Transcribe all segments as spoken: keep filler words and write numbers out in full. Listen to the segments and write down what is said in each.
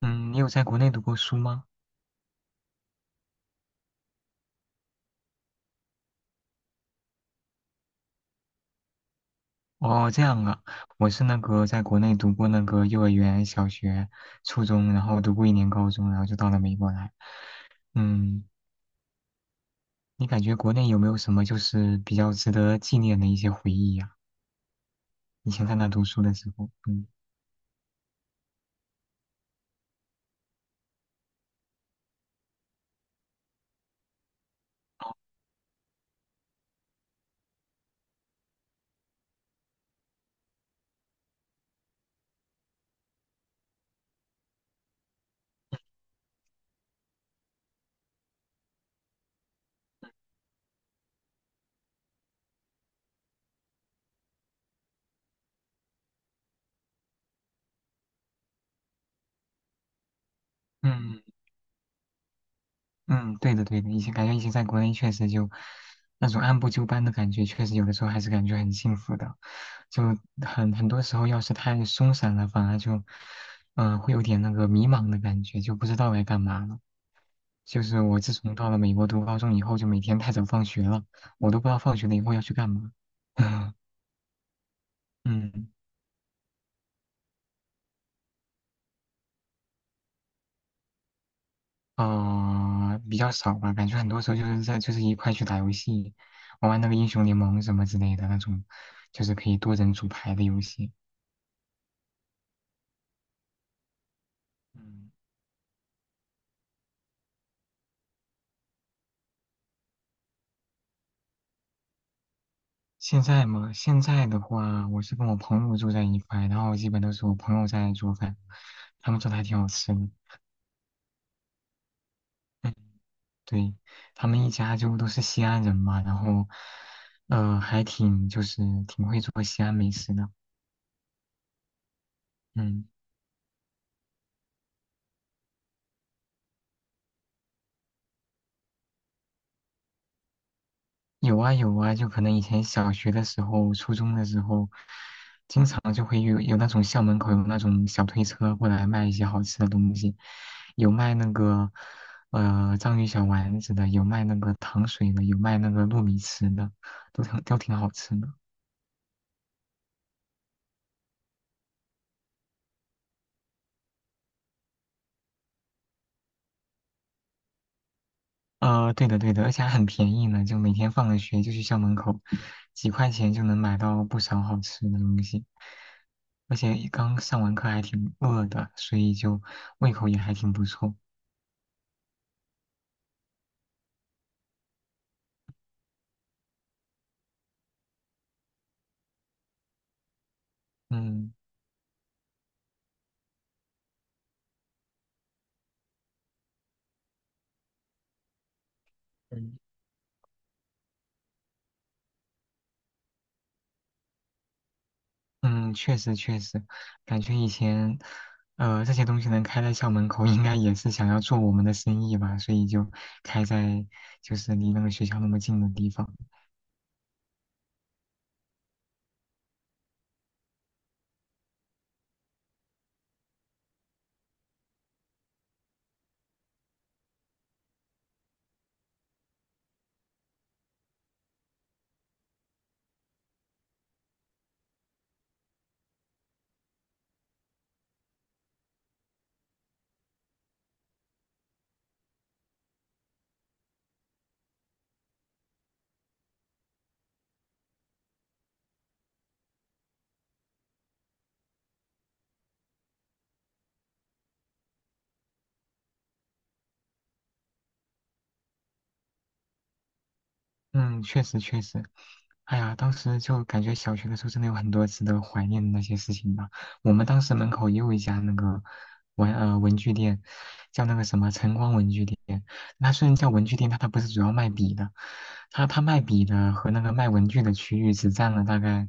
嗯，你有在国内读过书吗？哦，这样啊，我是那个在国内读过那个幼儿园、小学、初中，然后读过一年高中，然后就到了美国来。嗯，你感觉国内有没有什么就是比较值得纪念的一些回忆呀、以前在那读书的时候，嗯。嗯嗯，对的对的，以前感觉以前在国内确实就那种按部就班的感觉，确实有的时候还是感觉很幸福的。就很很多时候，要是太松散了，反而就嗯、呃会有点那个迷茫的感觉，就不知道该干嘛了。就是我自从到了美国读高中以后，就每天太早放学了，我都不知道放学了以后要去干嘛。嗯。啊、比较少吧，感觉很多时候就是在就是一块去打游戏，玩玩那个英雄联盟什么之类的那种，就是可以多人组牌的游戏。嗯，现在嘛，现在的话，我是跟我朋友住在一块，然后基本都是我朋友在做饭，他们做的还挺好吃的。嗯，对，他们一家就都是西安人嘛，然后，呃，还挺就是挺会做西安美食的。嗯。有啊有啊，就可能以前小学的时候、初中的时候，经常就会有有那种校门口有那种小推车过来卖一些好吃的东西，有卖那个呃章鱼小丸子的，有卖那个糖水的，有卖那个糯米糍的，都挺都挺好吃的。呃，对的对的，而且还很便宜呢，就每天放了学就去校门口，几块钱就能买到不少好吃的东西。而且刚上完课还挺饿的，所以就胃口也还挺不错。嗯嗯，嗯，确实确实，感觉以前，呃，这些东西能开在校门口，应该也是想要做我们的生意吧，所以就开在就是离那个学校那么近的地方。嗯，确实确实，哎呀，当时就感觉小学的时候真的有很多值得怀念的那些事情吧。我们当时门口也有一家那个文呃文具店，叫那个什么晨光文具店。它虽然叫文具店，但它不是主要卖笔的，它它卖笔的和那个卖文具的区域只占了大概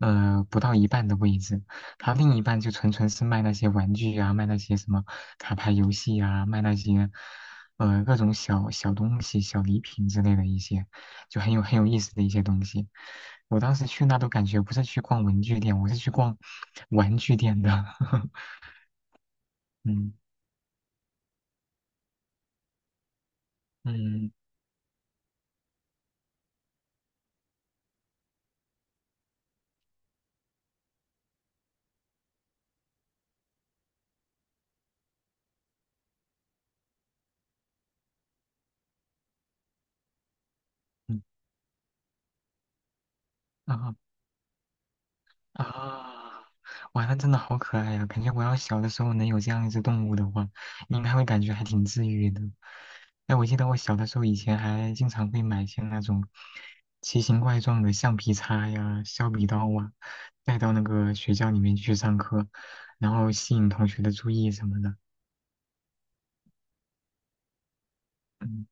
呃不到一半的位置，它另一半就纯纯是卖那些玩具啊，卖那些什么卡牌游戏啊，卖那些呃各种小小东西、小礼品之类的一些。就很有很有意思的一些东西。我当时去那都感觉不是去逛文具店，我是去逛玩具店的。嗯嗯嗯，啊啊！哇，那真的好可爱呀、感觉我要小的时候能有这样一只动物的话，应该会感觉还挺治愈的。哎，我记得我小的时候以前还经常会买一些那种奇形怪状的橡皮擦呀、削笔刀啊，带到那个学校里面去上课，然后吸引同学的注意什么的。嗯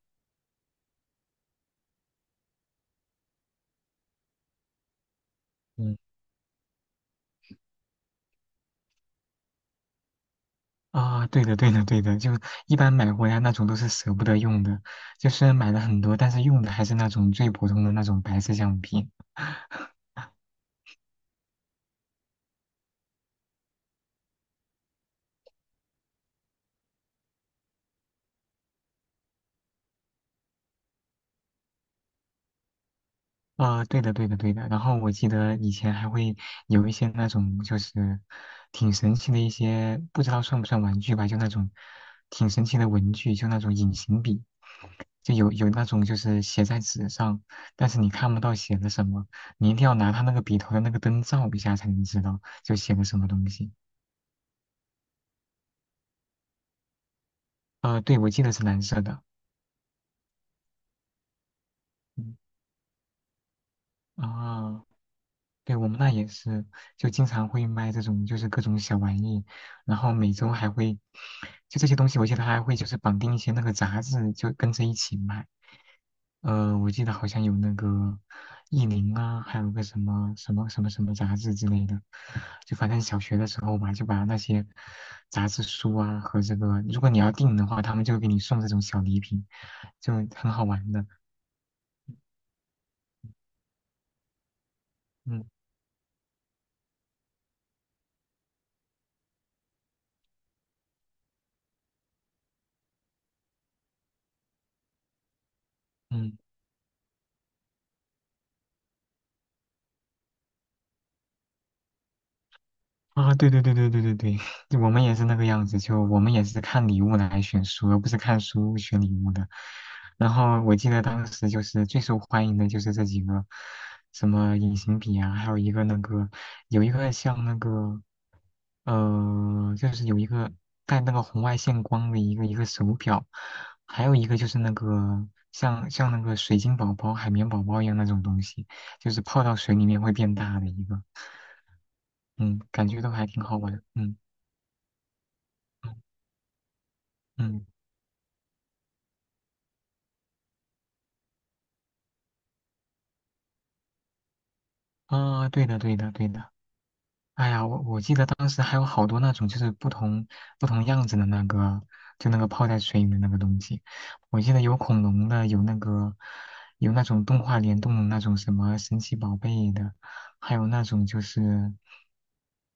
嗯。啊，对的，对的，对的，就一般买回来那种都是舍不得用的，就虽然买了很多，但是用的还是那种最普通的那种白色橡皮。啊，对的，对的，对的。然后我记得以前还会有一些那种就是挺神奇的一些，不知道算不算玩具吧，就那种挺神奇的文具，就那种隐形笔，就有有那种就是写在纸上，但是你看不到写的什么，你一定要拿它那个笔头的那个灯照一下才能知道就写的什么东西。呃，对，我记得是蓝色的。嗯啊，对，我们那也是，就经常会卖这种就是各种小玩意，然后每周还会，就这些东西，我记得还会就是绑定一些那个杂志，就跟着一起卖。呃，我记得好像有那个意林啊，还有个什么什么什么什么杂志之类的，就反正小学的时候吧，就把那些杂志书啊和这个，如果你要订的话，他们就会给你送这种小礼品，就很好玩的。嗯嗯。啊，对对对对对对对，我们也是那个样子，就我们也是看礼物来选书，而不是看书选礼物的。然后我记得当时就是最受欢迎的就是这几个，什么隐形笔啊，还有一个那个有一个像那个呃，就是有一个带那个红外线光的一个一个手表，还有一个就是那个像像那个水晶宝宝、海绵宝宝一样那种东西，就是泡到水里面会变大的一个。嗯，感觉都还挺好玩，嗯嗯嗯，啊，对的对的对的，哎呀，我我记得当时还有好多那种就是不同不同样子的那个，就那个泡在水里的那个东西。我记得有恐龙的，有那个有那种动画联动的那种什么神奇宝贝的，还有那种就是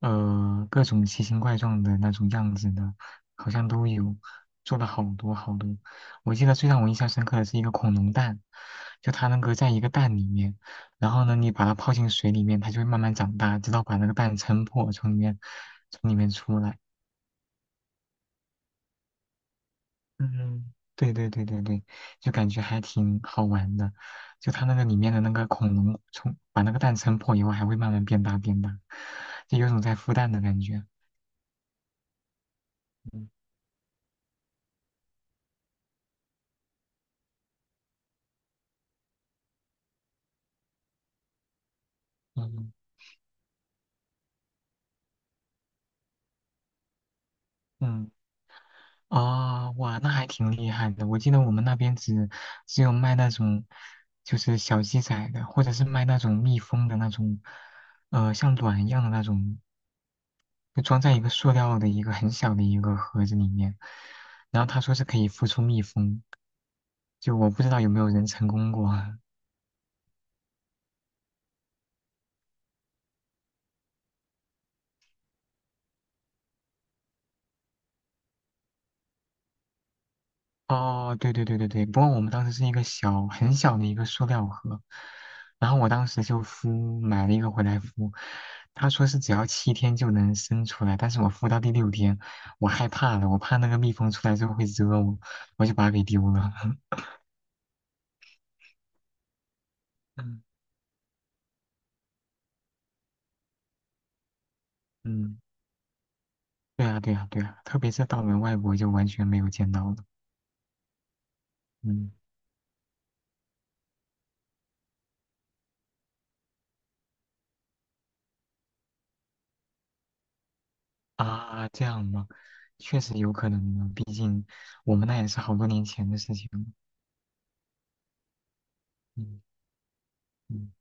呃各种奇形怪状的那种样子的，好像都有，做了好多好多。我记得最让我印象深刻的是一个恐龙蛋，就它那个在一个蛋里面。然后呢，你把它泡进水里面，它就会慢慢长大，直到把那个蛋撑破，从里面从里面出来。嗯，对对对对对，就感觉还挺好玩的。就它那个里面的那个恐龙，从把那个蛋撑破以后，还会慢慢变大变大，就有种在孵蛋的感觉。嗯嗯嗯，啊、哇，那还挺厉害的。我记得我们那边只只有卖那种就是小鸡仔的，或者是卖那种蜜蜂的那种，呃，像卵一样的那种就装在一个塑料的一个很小的一个盒子里面，然后他说是可以孵出蜜蜂，就我不知道有没有人成功过。哦，对对对对对，不过我们当时是一个小很小的一个塑料盒，然后我当时就孵买了一个回来孵，他说是只要七天就能生出来，但是我孵到第六天，我害怕了，我怕那个蜜蜂出来之后会蛰我，我就把它给丢了。嗯嗯，对啊对啊对啊，特别是到了外国就完全没有见到了。嗯啊，这样吗？确实有可能呢，毕竟我们那也是好多年前的事情了。嗯嗯，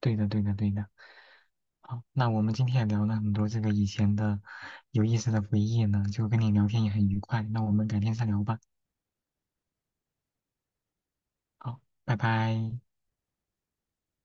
对的对的对的。好，那我们今天也聊了很多这个以前的有意思的回忆呢，就跟你聊天也很愉快。那我们改天再聊吧。好，拜拜。